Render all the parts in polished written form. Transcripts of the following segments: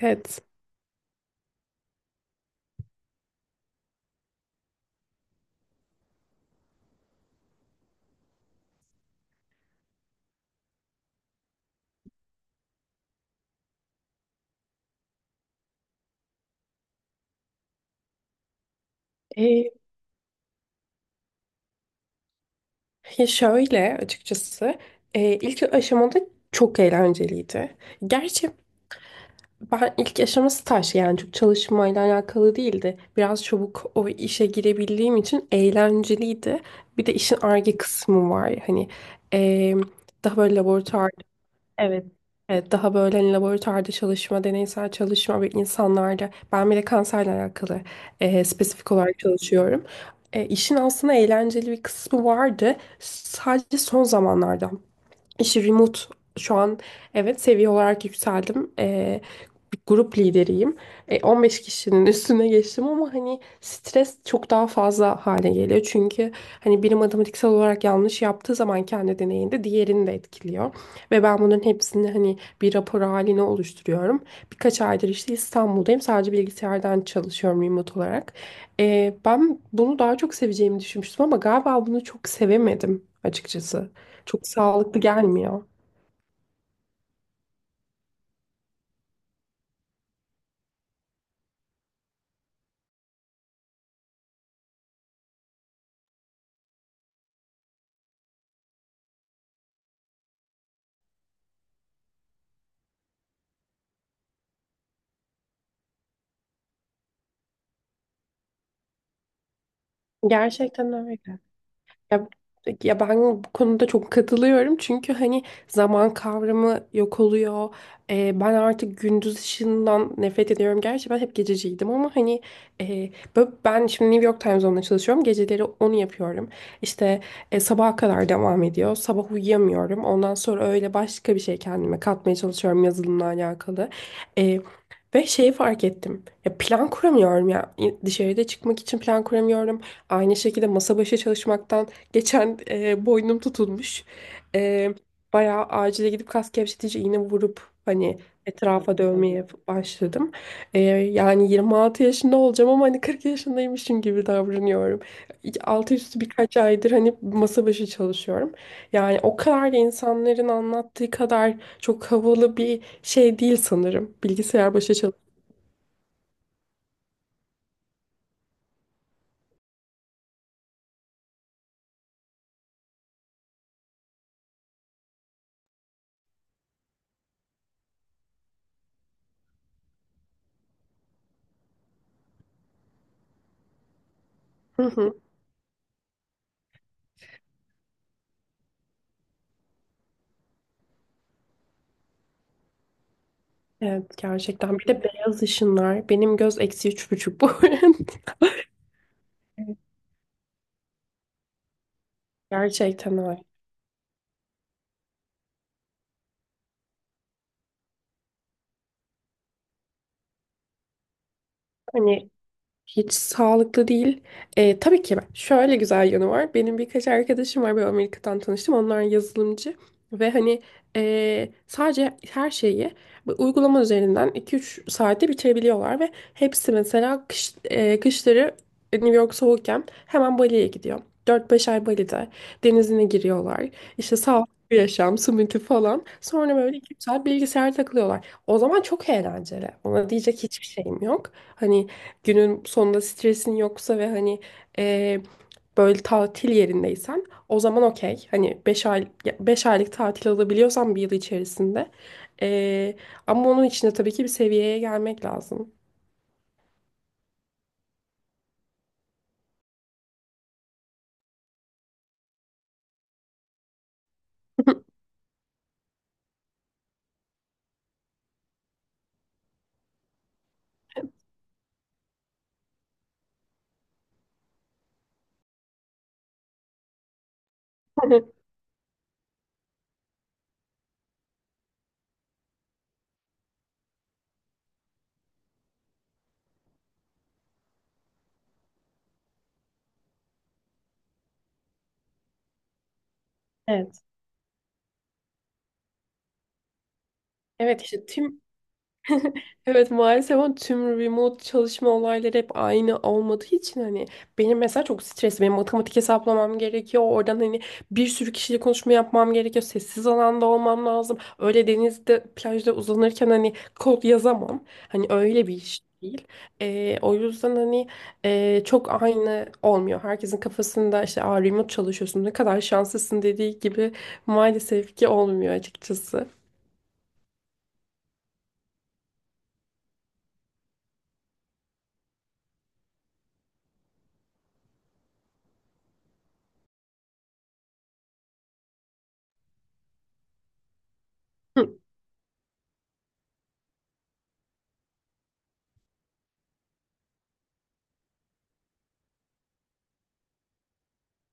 Evet. Ee, ya şöyle açıkçası ilk aşamada çok eğlenceliydi. Gerçi ben ilk aşaması taş, yani çok çalışmayla alakalı değildi. Biraz çabuk o işe girebildiğim için eğlenceliydi. Bir de işin arge kısmı var. E, daha böyle laboratuvar. Evet, daha böyle hani laboratuvarda çalışma, deneysel çalışma ve insanlarda. Ben bile kanserle alakalı spesifik olarak çalışıyorum. İşin aslında eğlenceli bir kısmı vardı. Sadece son zamanlarda. İşi remote şu an, evet, seviye olarak yükseldim. Bir grup lideriyim. 15 kişinin üstüne geçtim ama hani stres çok daha fazla hale geliyor. Çünkü hani biri matematiksel olarak yanlış yaptığı zaman kendi deneyinde diğerini de etkiliyor. Ve ben bunların hepsini hani bir rapor haline oluşturuyorum. Birkaç aydır işte İstanbul'dayım. Sadece bilgisayardan çalışıyorum remote olarak. Ben bunu daha çok seveceğimi düşünmüştüm ama galiba bunu çok sevemedim açıkçası. Çok sağlıklı gelmiyor. Gerçekten öyle. Ya, ya, ben bu konuda çok katılıyorum çünkü hani zaman kavramı yok oluyor. Ben artık gündüz ışığından nefret ediyorum. Gerçi ben hep gececiydim ama e, ben şimdi New York Times Zone'da çalışıyorum. Geceleri onu yapıyorum. İşte sabaha kadar devam ediyor. Sabah uyuyamıyorum. Ondan sonra öyle başka bir şey kendime katmaya çalışıyorum yazılımla alakalı. E, Ve şeyi fark ettim. Ya plan kuramıyorum ya. Dışarıda çıkmak için plan kuramıyorum. Aynı şekilde masa başı çalışmaktan. Geçen boynum tutulmuş. E, Bayağı acile gidip kas gevşetici iğne vurup hani etrafa dövmeye başladım. Yani 26 yaşında olacağım ama hani 40 yaşındaymışım gibi davranıyorum. Altı üstü birkaç aydır hani masa başı çalışıyorum. Yani o kadar da insanların anlattığı kadar çok havalı bir şey değil sanırım. Bilgisayar başı. Hı hı. Evet, gerçekten. Bir de beyaz ışınlar. Benim göz eksi 3,5 bu arada. Gerçekten öyle. Hani hiç sağlıklı değil. Tabii ki ben- şöyle güzel yanı var. Benim birkaç arkadaşım var. Böyle Amerika'dan tanıştım. Onlar yazılımcı. Ve hani sadece her şeyi bu uygulama üzerinden 2-3 saatte bitirebiliyorlar. Ve hepsi mesela kışları New York soğukken hemen Bali'ye gidiyor. 4-5 ay Bali'de denizine giriyorlar. İşte sağlıklı bir yaşam, smoothie falan. Sonra böyle 2 saat bilgisayar takılıyorlar. O zaman çok eğlenceli. Ona diyecek hiçbir şeyim yok. Hani günün sonunda stresin yoksa ve eee, böyle tatil yerindeysen o zaman okey. Hani, 5 aylık tatil alabiliyorsan 1 yıl içerisinde. Eee, Ama onun için de tabii ki bir seviyeye gelmek lazım. Evet. Evet, işte tüm evet, maalesef ama tüm remote çalışma olayları hep aynı olmadığı için hani benim mesela çok stres, benim matematik hesaplamam gerekiyor oradan hani bir sürü kişiyle konuşma yapmam gerekiyor, sessiz alanda olmam lazım, öyle denizde plajda uzanırken hani kod yazamam, hani öyle bir iş değil. O yüzden çok aynı olmuyor, herkesin kafasında işte "Aa, remote çalışıyorsun, ne kadar şanslısın" dediği gibi maalesef ki olmuyor açıkçası. Hı,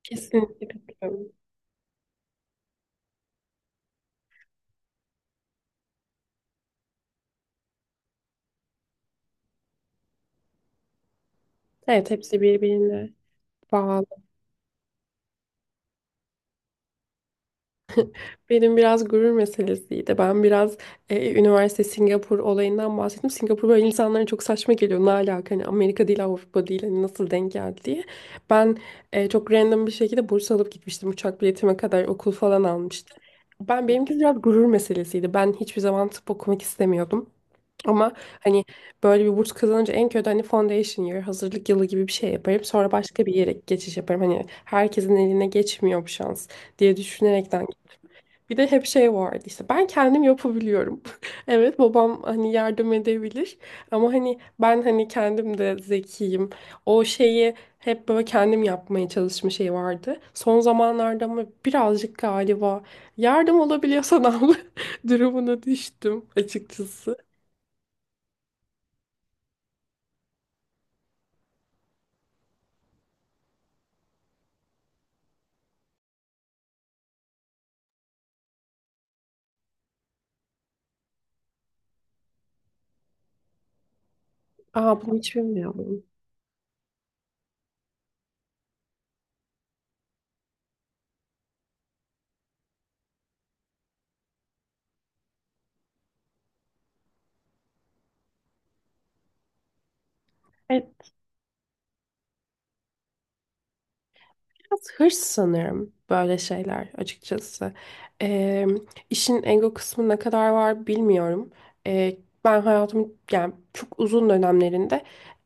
kesinlikle. Evet, hepsi birbirine bağlı. Benim biraz gurur meselesiydi. Üniversite Singapur olayından bahsettim. Singapur böyle insanlara çok saçma geliyor. Ne alaka, hani Amerika değil, Avrupa değil, hani nasıl denk geldi diye. Ben çok random bir şekilde burs alıp gitmiştim. Uçak biletime kadar okul falan almıştım. Benimki biraz gurur meselesiydi. Ben hiçbir zaman tıp okumak istemiyordum. Ama hani böyle bir burs kazanınca en kötü hani foundation year, hazırlık yılı gibi bir şey yaparım. Sonra başka bir yere geçiş yaparım. Hani herkesin eline geçmiyor bu şans diye düşünerekten, bir de hep şey vardı işte, ben kendim yapabiliyorum. Evet, babam hani yardım edebilir ama hani ben hani kendim de zekiyim. O şeyi hep böyle kendim yapmaya çalışma şey vardı. Son zamanlarda ama birazcık galiba yardım olabiliyorsan abla durumuna düştüm açıkçası. Aa, bunu hiç bilmiyorum. Biraz hırs sanırım böyle şeyler açıkçası. Ee, işin ego kısmı ne kadar var bilmiyorum. Ee, Ben hayatımın yani çok uzun dönemlerinde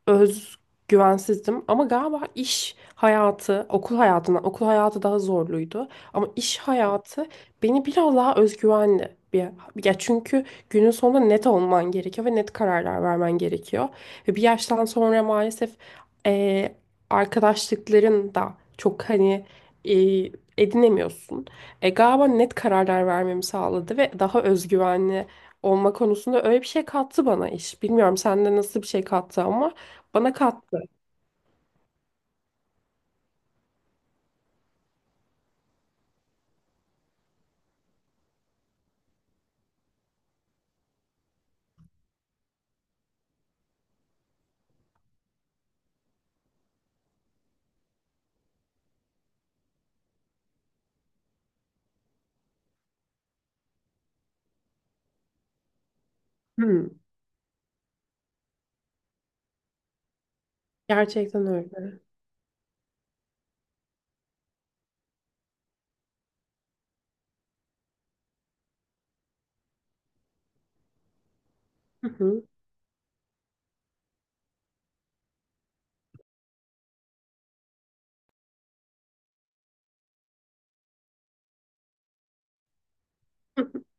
özgüvensizdim. Ama galiba iş hayatı, okul hayatı daha zorluydu. Ama iş hayatı beni biraz daha özgüvenli bir, ya çünkü günün sonunda net olman gerekiyor ve net kararlar vermen gerekiyor. Ve bir yaştan sonra maalesef e, arkadaşlıkların da çok e, edinemiyorsun. Galiba net kararlar vermemi sağladı ve daha özgüvenli olma konusunda öyle bir şey kattı bana iş. Bilmiyorum sende nasıl bir şey kattı ama bana kattı. Hmm, gerçekten öyle. Hı hı.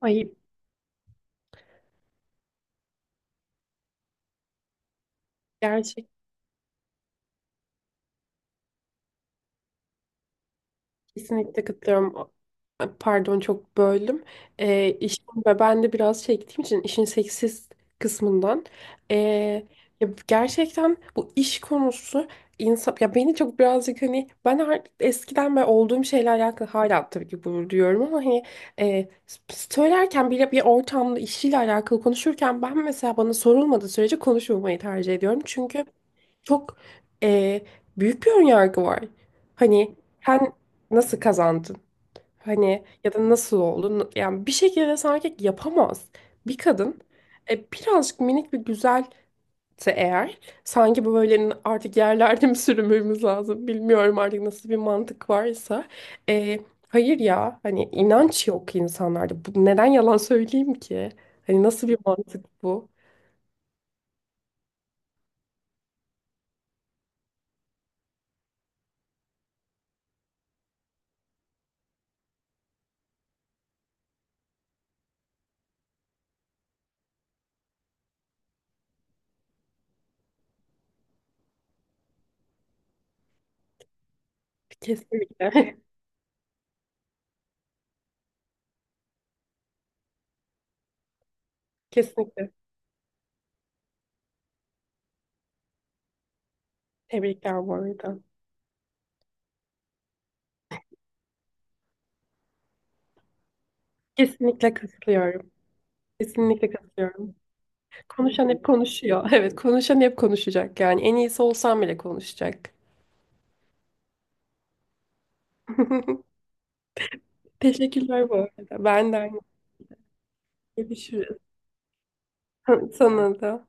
Ay, gerçekten. Kesinlikle katılıyorum. Pardon, çok böldüm. İşin ve ben de biraz çektiğim için işin seksist kısmından, ee, ya gerçekten bu iş konusu insan ya, beni çok birazcık hani ben artık eskiden ve olduğum şeyle alakalı hala tabii ki bunu diyorum ama ee, söylerken bile bir ortamda işiyle alakalı konuşurken ben mesela bana sorulmadığı sürece konuşmamayı tercih ediyorum. Çünkü çok e, büyük bir önyargı var. Hani sen nasıl kazandın? Hani ya da nasıl oldu? Yani bir şekilde sanki yapamaz. Bir kadın birazcık minik bir güzelse eğer sanki bu böyle artık yerlerde mi sürünmemiz lazım, bilmiyorum artık nasıl bir mantık varsa. E, hayır ya, hani inanç yok insanlarda. Bu, neden yalan söyleyeyim ki? Hani nasıl bir mantık bu? Kesinlikle. Kesinlikle. Tebrikler bu arada. Kesinlikle katılıyorum. Kesinlikle katılıyorum. Konuşan hep konuşuyor. Evet, konuşan hep konuşacak. Yani en iyisi olsam bile konuşacak. Teşekkürler bu arada. Ben de aynı. Görüşürüz. Sana da.